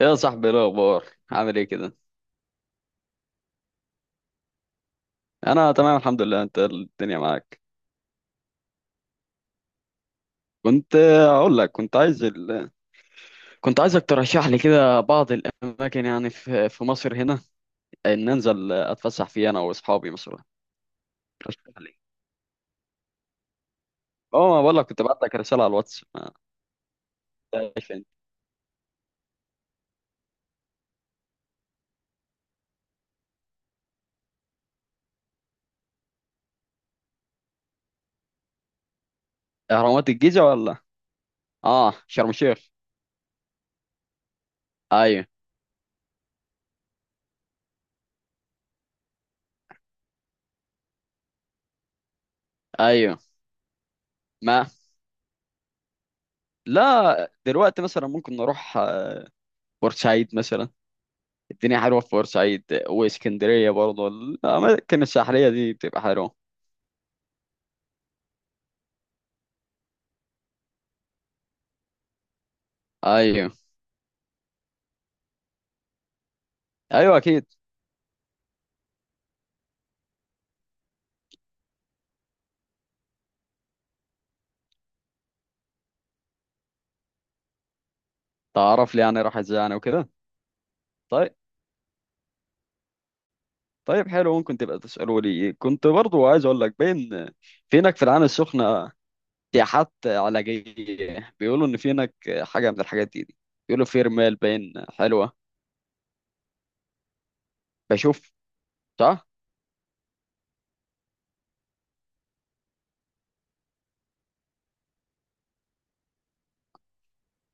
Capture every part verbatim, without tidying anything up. يا صاحبي، إيه الاخبار؟ عامل ايه كده؟ انا تمام الحمد لله، انت الدنيا معاك؟ كنت اقول لك، كنت عايز ال... كنت عايزك ترشح لي كده بعض الاماكن، يعني في في مصر هنا، ان انزل اتفسح فيها انا واصحابي مثلا. رشح لي. اه، ما بقول لك كنت بعت لك رساله على الواتس، ما تعرفش انت؟ اهرامات الجيزه ولا؟ اه، شرم الشيخ. ايوه. ايوه. ما لا، دلوقتي مثلا ممكن نروح آه، بورسعيد مثلا. الدنيا حلوة في بورسعيد واسكندرية، برضه الأماكن الساحلية دي بتبقى حلوة. أيوه. أيوه أكيد. تعرف لي يعني راح إزاي يعني وكده. طيب. طيب حلو، ممكن تبقى تسألوا لي. كنت برضه عايز أقول لك، بين في هناك في العين السخنة سياحات علاجية، بيقولوا إن في هناك حاجة من الحاجات دي, دي. بيقولوا في رمال باين حلوة. بشوف. صح؟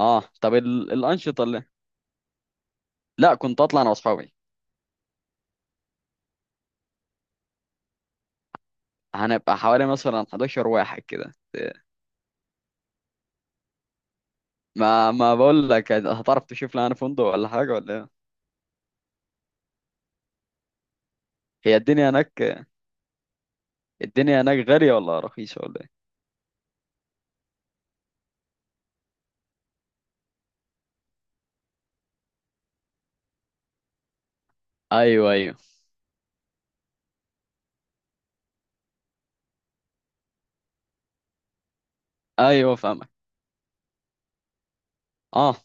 أه طب، ال- الأنشطة اللي، لا كنت أطلع أنا وأصحابي. هنبقى حوالي مثلا حداشر واحد كده. ما ما بقول لك، هتعرف تشوف لي انا فندق ولا حاجه ولا ايه؟ هي الدنيا هناك، الدنيا هناك غاليه ولا رخيصه ولا ايه؟ ايوه، ايوه. ايوه فاهمك. اه.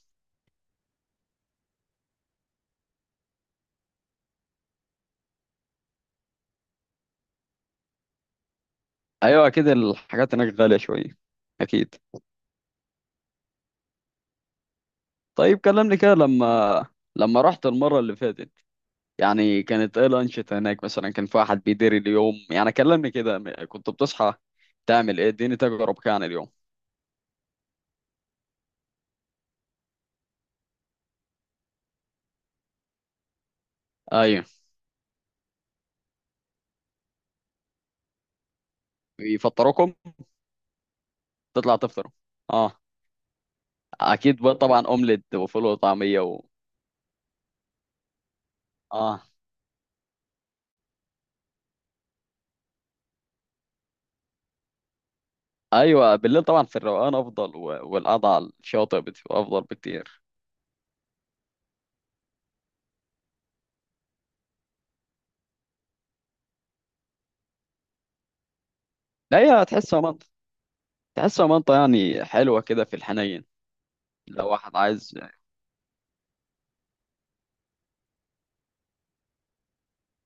ايوه اكيد، الحاجات هناك غاليه شويه. اكيد. طيب كلمني كده، لما لما رحت المره اللي فاتت يعني، كانت ايه الانشطه هناك؟ مثلا كان في واحد بيدير اليوم، يعني كلمني كده. م- كنت بتصحى تعمل ايه؟ اديني تجربه كده عن اليوم. ايوه. يفطروكم؟ تطلع تفطروا؟ اه. اكيد بقى، طبعا اومليت وفول وطعميه و... اه. ايوه، بالليل طبعا في الروقان افضل، و- والقعده على الشاطئ بتبقى افضل بكتير. لا، هي تحسها منطقه، تحسها منطقه يعني حلوه كده في الحنين. لو واحد عايز،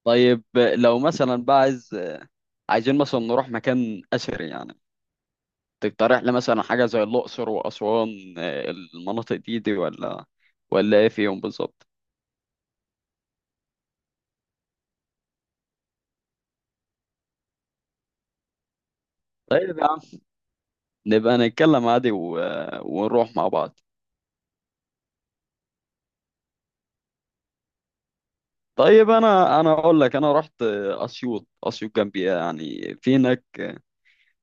طيب لو مثلا بقى عايز، عايزين مثلا نروح مكان اثري يعني، تقترح لي مثلا حاجه زي الاقصر واسوان؟ آه، المناطق دي دي ولا، ولا ايه فيهم بالظبط؟ طيب يا عم، نبقى نتكلم عادي و... ونروح مع بعض. طيب، انا انا اقول لك، انا رحت اسيوط، اسيوط جنبي يعني، في هناك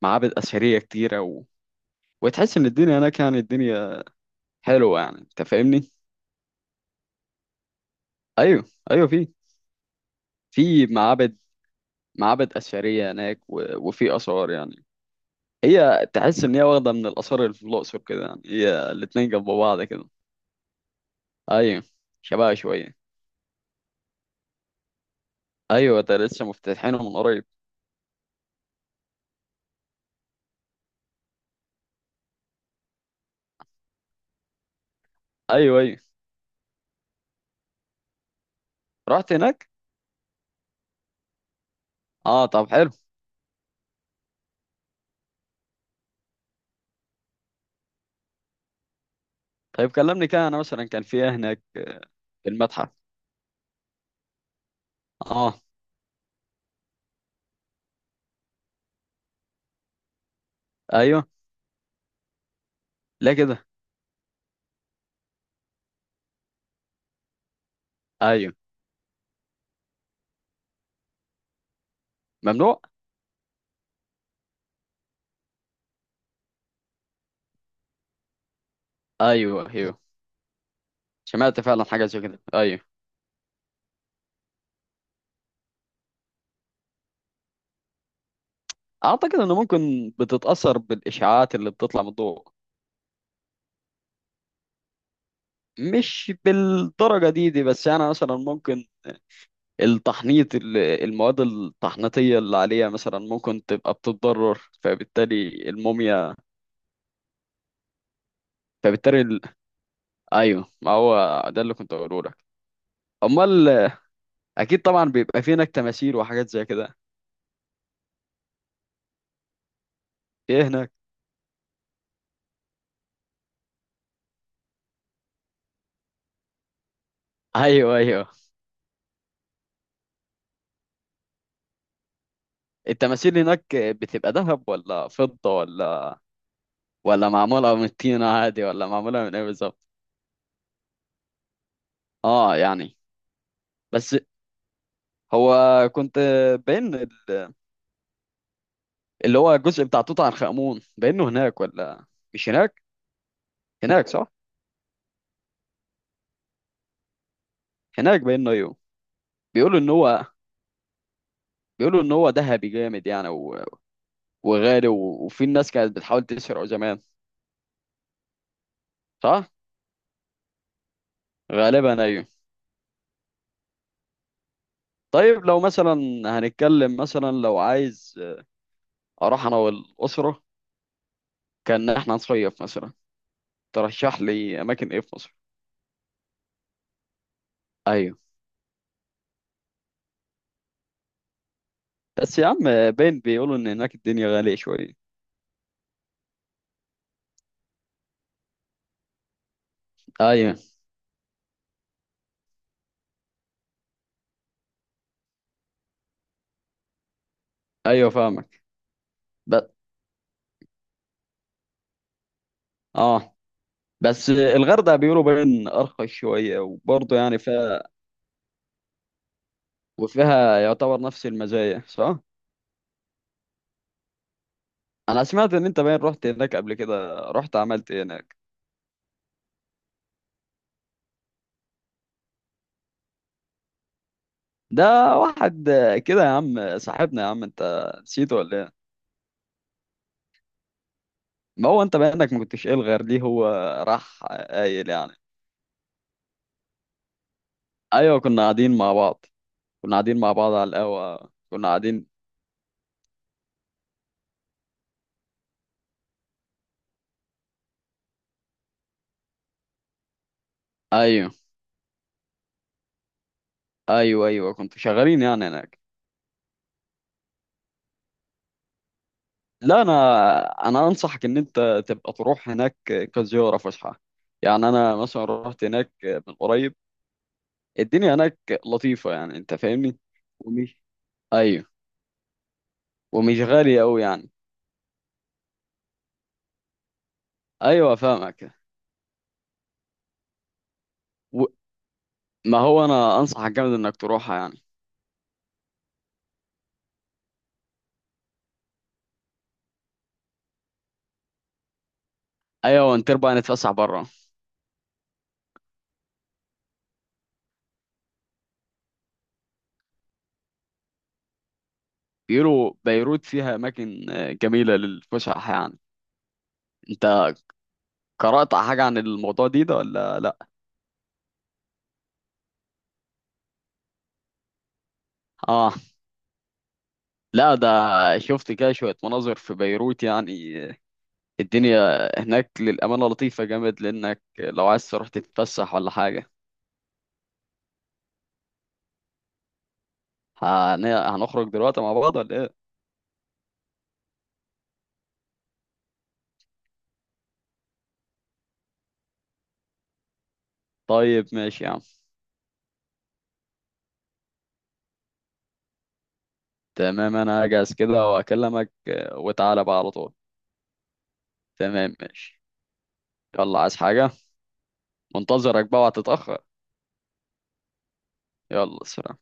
معابد اثريه كتيره و... وتحس ان الدنيا هناك، يعني الدنيا حلوه، يعني انت فاهمني. ايوه. ايوه، في في معابد، معابد اثريه هناك و... وفي اثار يعني. هي تحس ان هي واخده من الاثار اللي في الاقصر كده، يعني هي الاتنين جنب بعض كده. ايوه. شبهها شويه. ايوه، ده لسه مفتتحينه من قريب. ايوه، ايوه. رحت هناك. اه طب حلو. طيب كلمني كده، انا مثلا كان في إيه هناك آه، في المتحف؟ اه. ايوه لا كده. ايوه. ممنوع. ايوه، أيوه. سمعت فعلا حاجة زي كده، أيوه. أعتقد إنه ممكن بتتأثر بالإشعاعات اللي بتطلع من الضوء. مش بالدرجة دي دي، بس يعني مثلا ممكن التحنيط، ال- المواد التحنيطية اللي عليها مثلا ممكن تبقى بتتضرر، فبالتالي الموميا، فبالتالي ال... أيوه، ما هو ده اللي كنت أقوله لك. أمال. أكيد طبعا، بيبقى في هناك تماثيل وحاجات زي كده. في إيه هناك؟ أيوه، أيوه. التماثيل هناك بتبقى ذهب ولا فضة، ولا ولا معمولة من الطينة عادي، ولا معمولة من ايه بالظبط؟ اه يعني. بس. هو. كنت. بين اللي هو الجزء بتاع توت عنخ آمون، بينه هناك ولا مش هناك؟ هناك صح، هناك بينه ايوه. بيقولوا ان هو، بيقولوا ان هو ذهبي جامد يعني و- وغالي و- وفي الناس كانت بتحاول تسرقه زمان. صح. غالبا ايوه. طيب لو مثلا، هنتكلم مثلا لو عايز اروح انا والاسره، كان احنا نصيف مثلا، ترشح لي اماكن ايه في مصر؟ ايوه. بس يا عم، باين بيقولوا ان هناك الدنيا غالية شوية. ايوه ايوه فاهمك. بس. اه. بس الغردقة بيقولوا باين ارخص شوية، وبرضه يعني فيها، وفيها يعتبر نفس المزايا، صح؟ انا سمعت ان انت باين رحت هناك قبل كده، رحت عملت إيه هناك؟ ده واحد كده يا عم، صاحبنا يا عم، انت نسيته ولا ايه؟ ما هو انت بانك ما كنتش الغر ليه، هو راح قايل يعني. ايوه، كنا قاعدين مع بعض، كنا قاعدين مع بعض على القهوة، كنا قاعدين. ايوه، ايوه. ايوه كنتوا شغالين يعني هناك. لا انا، انا انصحك ان انت تبقى تروح هناك كزياره فسحه. يعني انا مثلا رحت هناك من قريب، الدنيا هناك لطيفه، يعني انت فاهمني. ومش، ايوه، ومش غاليه قوي يعني. ايوه فاهمك. و... ما هو انا انصحك جامد انك تروحها يعني. ايوه انت بقى، نتفسح بره. بيقولوا بيروت فيها اماكن جميله للفسح يعني. انت قرأت حاجه عن الموضوع دي ده ولا لا؟ اه. لا، ده شفت كده شوية مناظر في بيروت، يعني الدنيا هناك للأمانة لطيفة جامد، لأنك لو عايز تروح تتفسح ولا حاجة. هن- هنخرج دلوقتي مع بعض ولا إيه؟ طيب ماشي يا عم. تمام، أنا هجهز كده وأكلمك، آه، وتعالى بقى على طول. تمام ماشي. يلا، عايز حاجة؟ منتظرك بقى، وهتتأخر. يلا سلام.